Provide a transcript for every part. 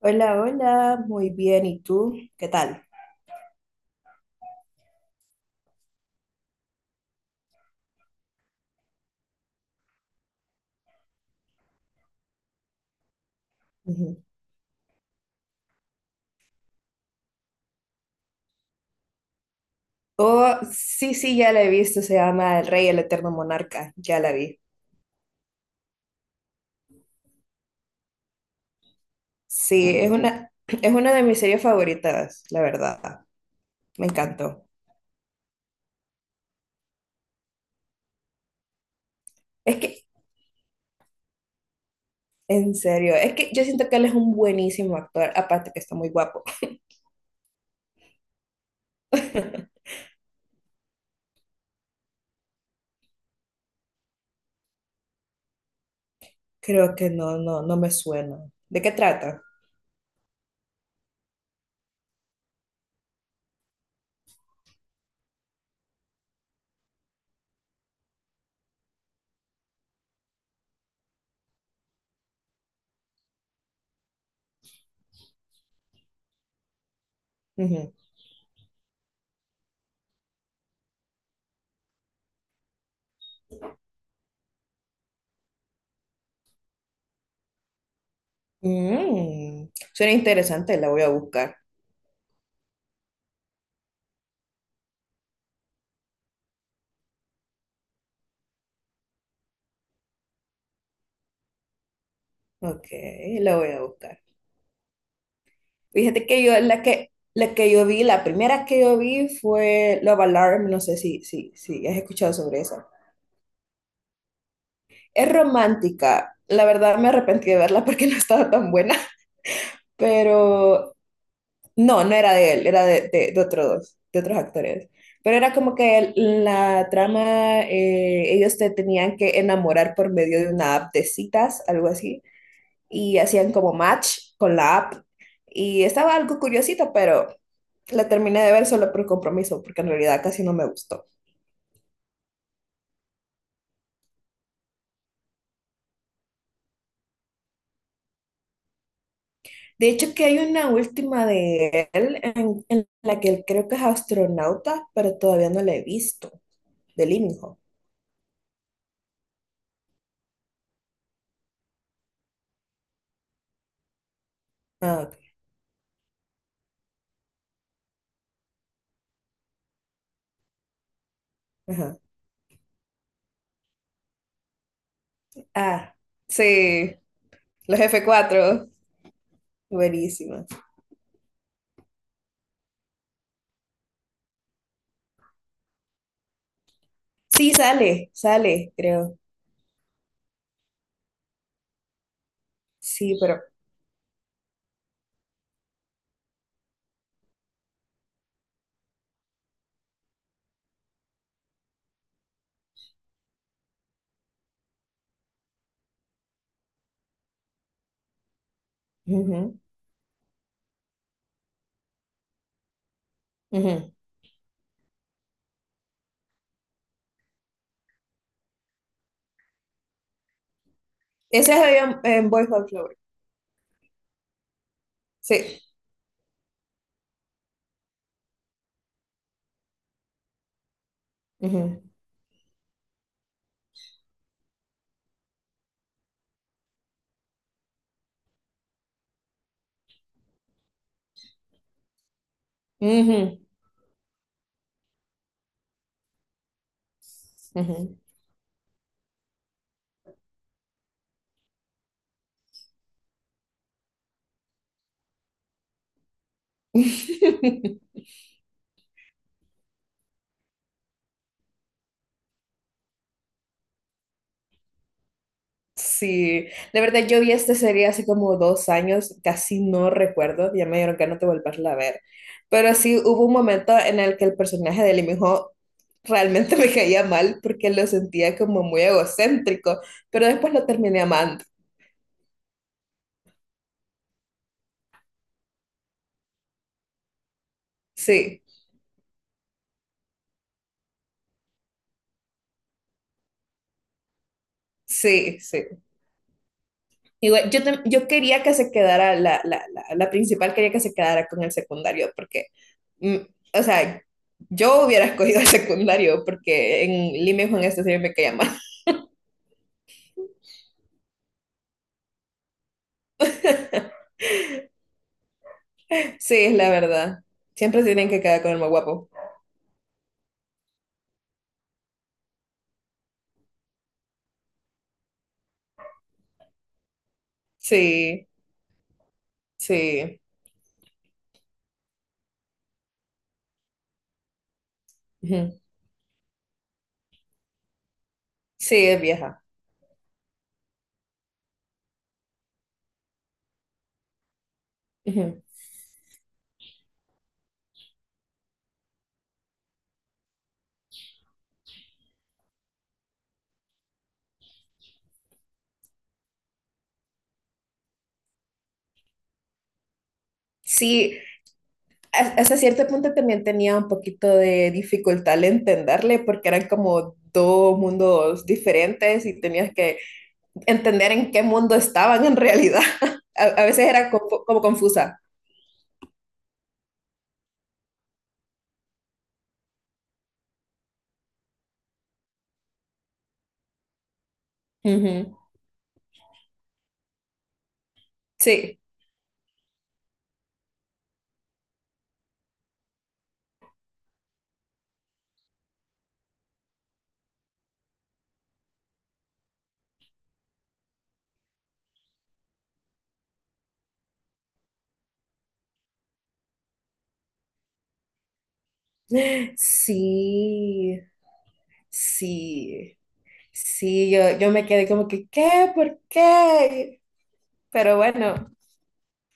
Hola, hola, muy bien. ¿Y tú? ¿Qué tal? Ujú. Oh, sí, sí, ya la he visto. Se llama El Rey, el Eterno Monarca. Ya la vi. Sí, es una de mis series favoritas, la verdad. Me encantó. Es que, en serio, es que yo siento que él es un buenísimo actor, aparte que está muy guapo. Creo que no, no me suena. ¿De qué trata? Ujú. Mm, suena interesante, la voy a buscar. Ok, la voy a buscar. Fíjate que yo, la que yo vi, la primera que yo vi fue Love Alarm, no sé si has escuchado sobre esa. Es romántica, la verdad me arrepentí de verla porque no estaba tan buena, pero no, no era de él, era de otros actores. Pero era como que la trama, ellos te tenían que enamorar por medio de una app de citas, algo así, y hacían como match con la app. Y estaba algo curiosito, pero la terminé de ver solo por compromiso, porque en realidad casi no me gustó. De hecho, que hay una última de él en la que él creo que es astronauta, pero todavía no la he visto, de Living Hope. Ah, ok, ajá. Ah, sí. Los f cuatro, buenísima. Sí, sale, sale, creo. Sí, pero. Ujú, ujú. Ese es en Boys Over Flower. Sí. Ujú, ujú, ujú. Sí, de verdad yo vi esta serie hace como 2 años, casi no recuerdo, ya me dieron ganas de volverla a ver, pero sí hubo un momento en el que el personaje de Lee Ho realmente me caía mal porque lo sentía como muy egocéntrico, pero después lo terminé amando, sí. Sí, sí. Igual, yo, yo quería que se quedara, la principal quería que se quedara con el secundario, porque, mm, o sea, yo hubiera escogido el secundario, porque en Lima y Juan este siempre me caía mal. Sí, es la verdad. Siempre se tienen que quedar con el más guapo. Sí, sí. Ujú. Sí, es vieja. Ujú. Sí, a- hasta cierto punto también tenía un poquito de dificultad al entenderle, porque eran como dos mundos diferentes y tenías que entender en qué mundo estaban en realidad. A veces era como, como confusa. Ujú. Sí, sí, sí, sí, yo me quedé como que, ¿qué? ¿Por qué? Pero bueno,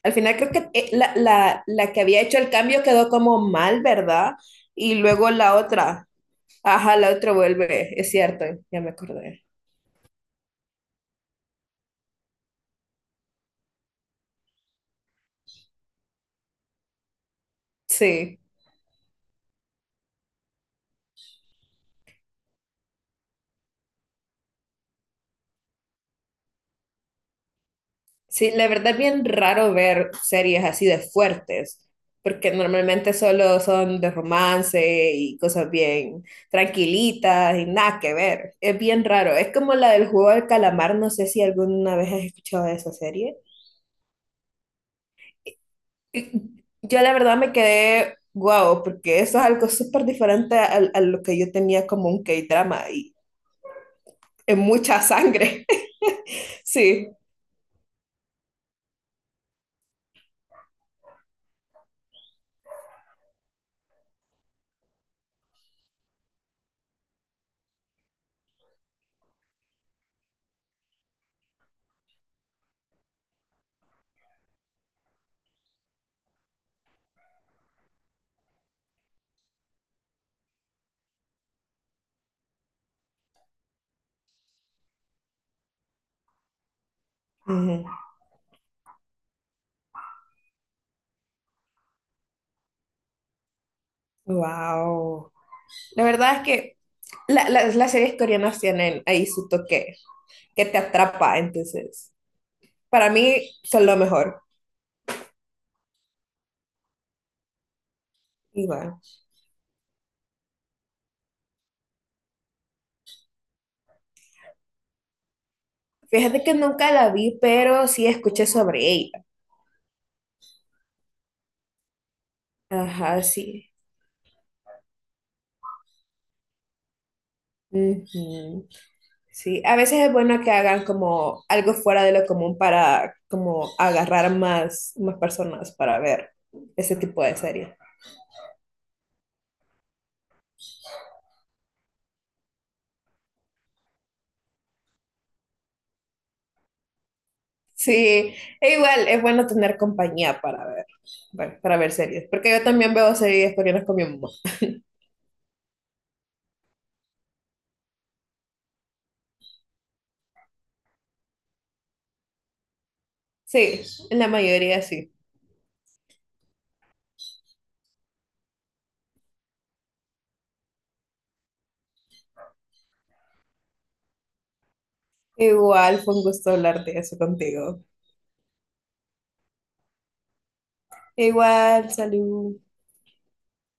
al final creo que la que había hecho el cambio quedó como mal, ¿verdad? Y luego la otra, ajá, la otra vuelve, es cierto, ya me acordé. Sí. Sí, la verdad es bien raro ver series así de fuertes, porque normalmente solo son de romance y cosas bien tranquilitas y nada que ver. Es bien raro. Es como la del juego del calamar, no sé si alguna vez has escuchado de esa serie. Y yo la verdad me quedé guau, porque eso es algo súper diferente a lo que yo tenía como un K-drama y es mucha sangre. Sí. Wow. La verdad es que las series coreanas tienen ahí su toque que te atrapa, entonces para mí son lo mejor. Y bueno, fíjate que nunca la vi, pero sí escuché sobre ella. Ajá, sí. Ujú. Sí, a veces es bueno que hagan como algo fuera de lo común para como agarrar más, más personas para ver ese tipo de series. Sí, e igual es bueno tener compañía para ver, bueno, para ver series, porque yo también veo series coreanas con mi mamá. Sí, en la mayoría sí. Igual fue un gusto hablar de eso contigo. Igual, salud.